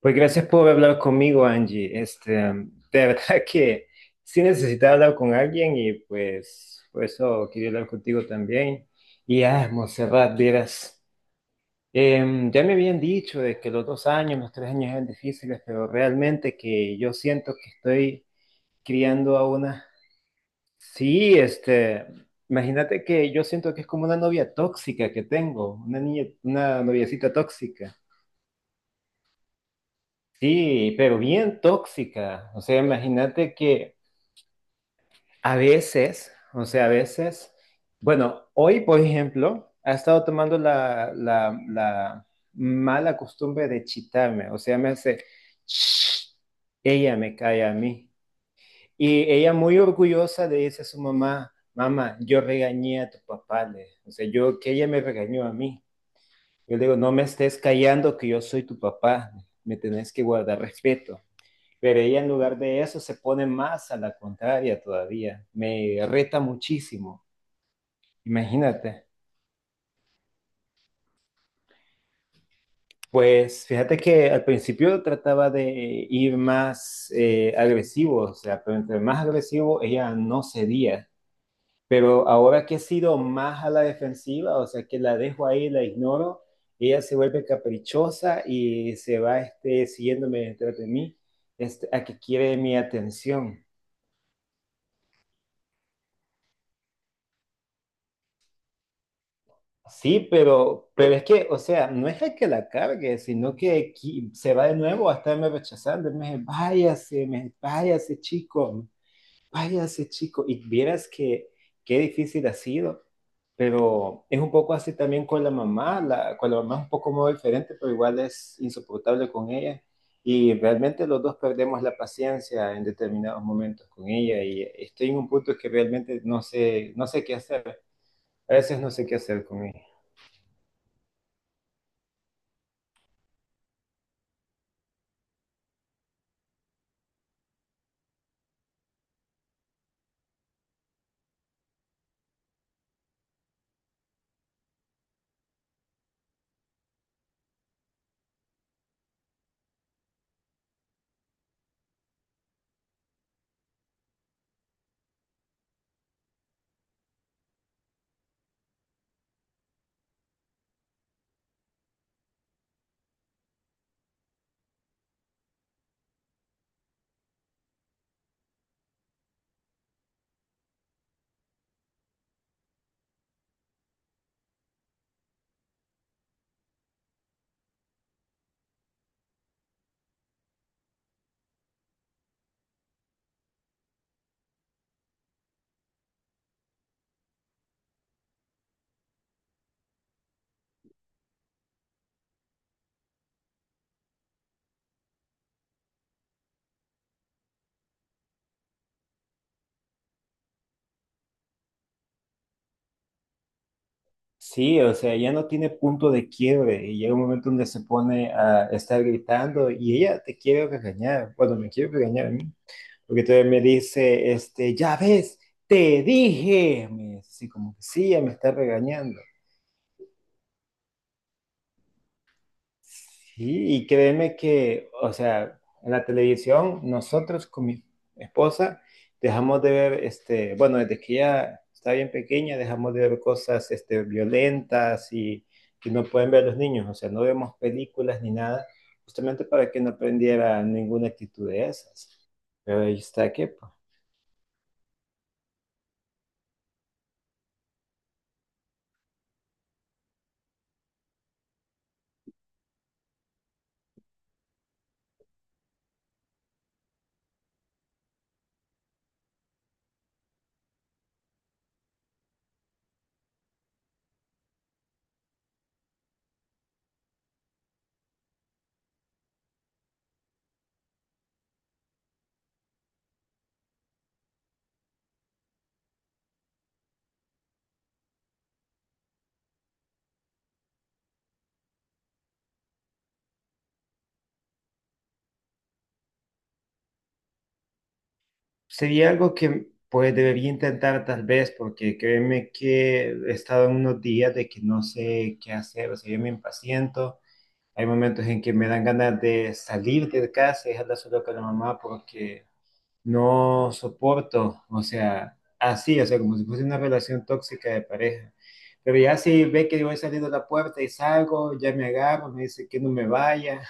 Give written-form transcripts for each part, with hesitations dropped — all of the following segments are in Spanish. Pues gracias por hablar conmigo, Angie. De verdad que sí necesitaba hablar con alguien y pues por eso quería hablar contigo también. Y Montserrat, vieras, ya me habían dicho de que los 2 años, los 3 años eran difíciles, pero realmente que yo siento que estoy criando a una... Sí, imagínate que yo siento que es como una novia tóxica que tengo, una niña, una noviecita tóxica. Sí, pero bien tóxica. O sea, imagínate que a veces, o sea, a veces, bueno, hoy, por ejemplo, ha estado tomando la mala costumbre de chitarme. O sea, me hace, "Shh", ella me cae a mí. Y ella muy orgullosa le dice a su mamá, mamá, yo regañé a tu papá. O sea, yo, que ella me regañó a mí. Yo le digo, no me estés callando que yo soy tu papá. Me tenés que guardar respeto. Pero ella en lugar de eso se pone más a la contraria todavía. Me reta muchísimo. Imagínate. Pues fíjate que al principio trataba de ir más agresivo, o sea, pero entre más agresivo ella no cedía. Pero ahora que he sido más a la defensiva, o sea, que la dejo ahí, la ignoro, ella se vuelve caprichosa y se va siguiéndome detrás de mí, a que quiere mi atención. Sí, pero es que, o sea, no es el que la cargue, sino que se va de nuevo a estarme rechazando. Y me dice, váyase, váyase, chico, váyase, chico. Y vieras que qué difícil ha sido, pero es un poco así también con la mamá. Con la mamá es un poco más diferente, pero igual es insoportable con ella. Y realmente los dos perdemos la paciencia en determinados momentos con ella. Y estoy en un punto que realmente no sé qué hacer. A veces no sé qué hacer con ella. Sí, o sea, ya no tiene punto de quiebre y llega un momento donde se pone a estar gritando y ella te quiere regañar, bueno, me quiere regañar a mí, porque todavía me dice, ya ves, te dije, me dice así como que sí, ya me está regañando. Sí, y créeme que, o sea, en la televisión nosotros con mi esposa dejamos de ver, bueno, desde que ella está bien pequeña, dejamos de ver cosas, violentas y que no pueden ver los niños, o sea, no vemos películas ni nada, justamente para que no aprendiera ninguna actitud de esas. Pero ahí está que pues, sería algo que pues debería intentar tal vez, porque créeme que he estado en unos días de que no sé qué hacer, o sea, yo me impaciento. Hay momentos en que me dan ganas de salir de casa y dejarla solo con la mamá porque no soporto, o sea, así, o sea, como si fuese una relación tóxica de pareja. Pero ya si ve que voy saliendo a la puerta y salgo, ya me agarro, me dice que no me vaya.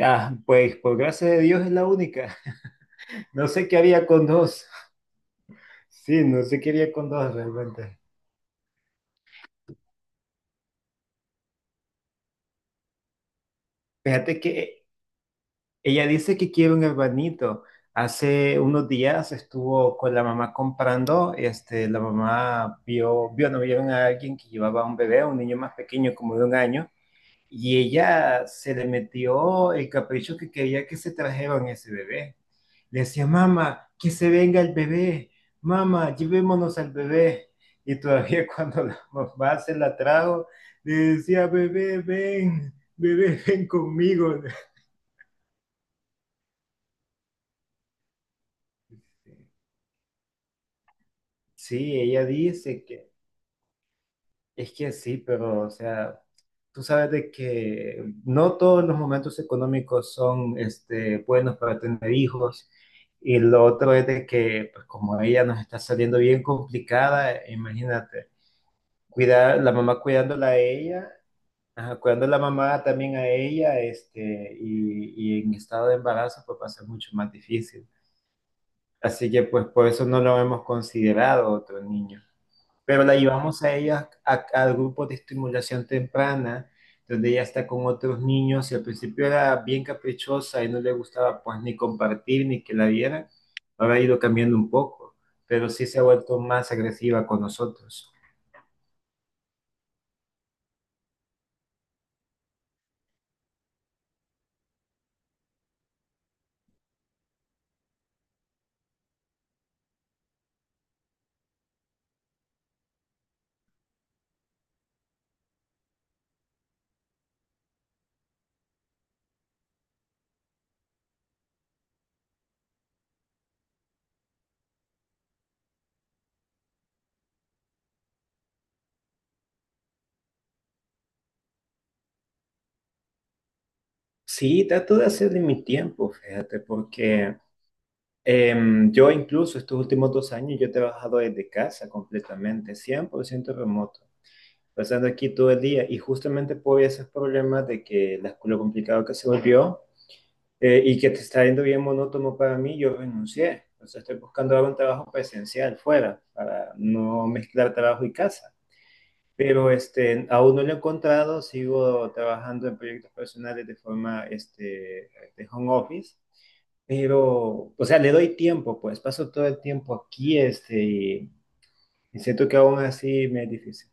Ah, pues por gracia de Dios es la única. No sé qué haría con dos. Sí, no sé qué haría con dos realmente. Fíjate que ella dice que quiere un hermanito. Hace unos días estuvo con la mamá comprando, la mamá no vieron a alguien que llevaba un bebé, un niño más pequeño, como de 1 año, y ella se le metió el capricho que quería que se trajeran ese bebé. Le decía, mamá, que se venga el bebé, mamá, llevémonos al bebé. Y todavía cuando la mamá se la trajo, le decía, bebé, ven conmigo. Sí, ella dice que es que sí, pero o sea, tú sabes de que no todos los momentos económicos son buenos para tener hijos. Y lo otro es de que, pues como ella nos está saliendo bien complicada, imagínate, cuidar, la mamá cuidándola a ella, ajá, cuidando a la mamá también a ella, y en estado de embarazo, pues va a ser mucho más difícil. Así que pues por eso no lo hemos considerado otro niño. Pero la llevamos a ella al grupo de estimulación temprana, donde ella está con otros niños y al principio era bien caprichosa y no le gustaba pues ni compartir ni que la vieran. Ahora ha ido cambiando un poco, pero sí se ha vuelto más agresiva con nosotros. Sí, trato de hacer de mi tiempo, fíjate, porque yo incluso estos últimos 2 años yo he trabajado desde casa completamente, 100% remoto, pasando aquí todo el día. Y justamente por esos problemas de que la, lo complicado que se volvió y que te está yendo bien monótono para mí, yo renuncié. O sea, estoy buscando ahora un trabajo presencial fuera para no mezclar trabajo y casa. Pero aún no lo he encontrado, sigo trabajando en proyectos personales de forma de home office. Pero, o sea, le doy tiempo, pues paso todo el tiempo aquí y siento que aún así me es difícil.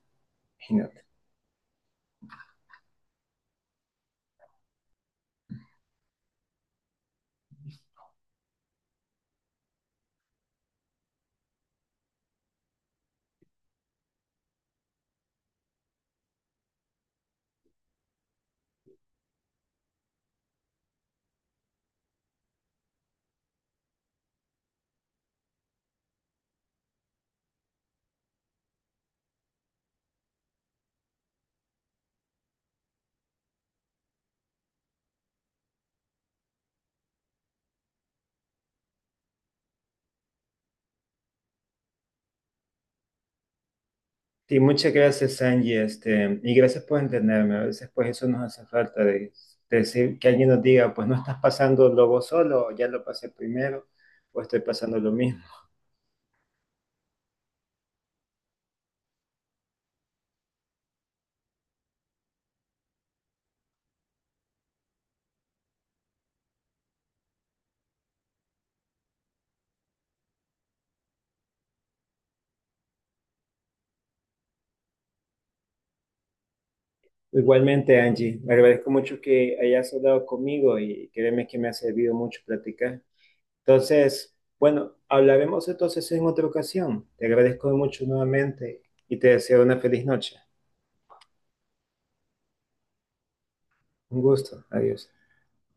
Sí, muchas gracias, Angie, y gracias por entenderme. A veces, pues, eso nos hace falta de decir que alguien nos diga, pues, no estás pasando vos solo, ya lo pasé primero, o estoy pasando lo mismo. Igualmente, Angie, me agradezco mucho que hayas hablado conmigo y créeme que me ha servido mucho platicar. Entonces, bueno, hablaremos entonces en otra ocasión. Te agradezco mucho nuevamente y te deseo una feliz noche. Un gusto. Adiós.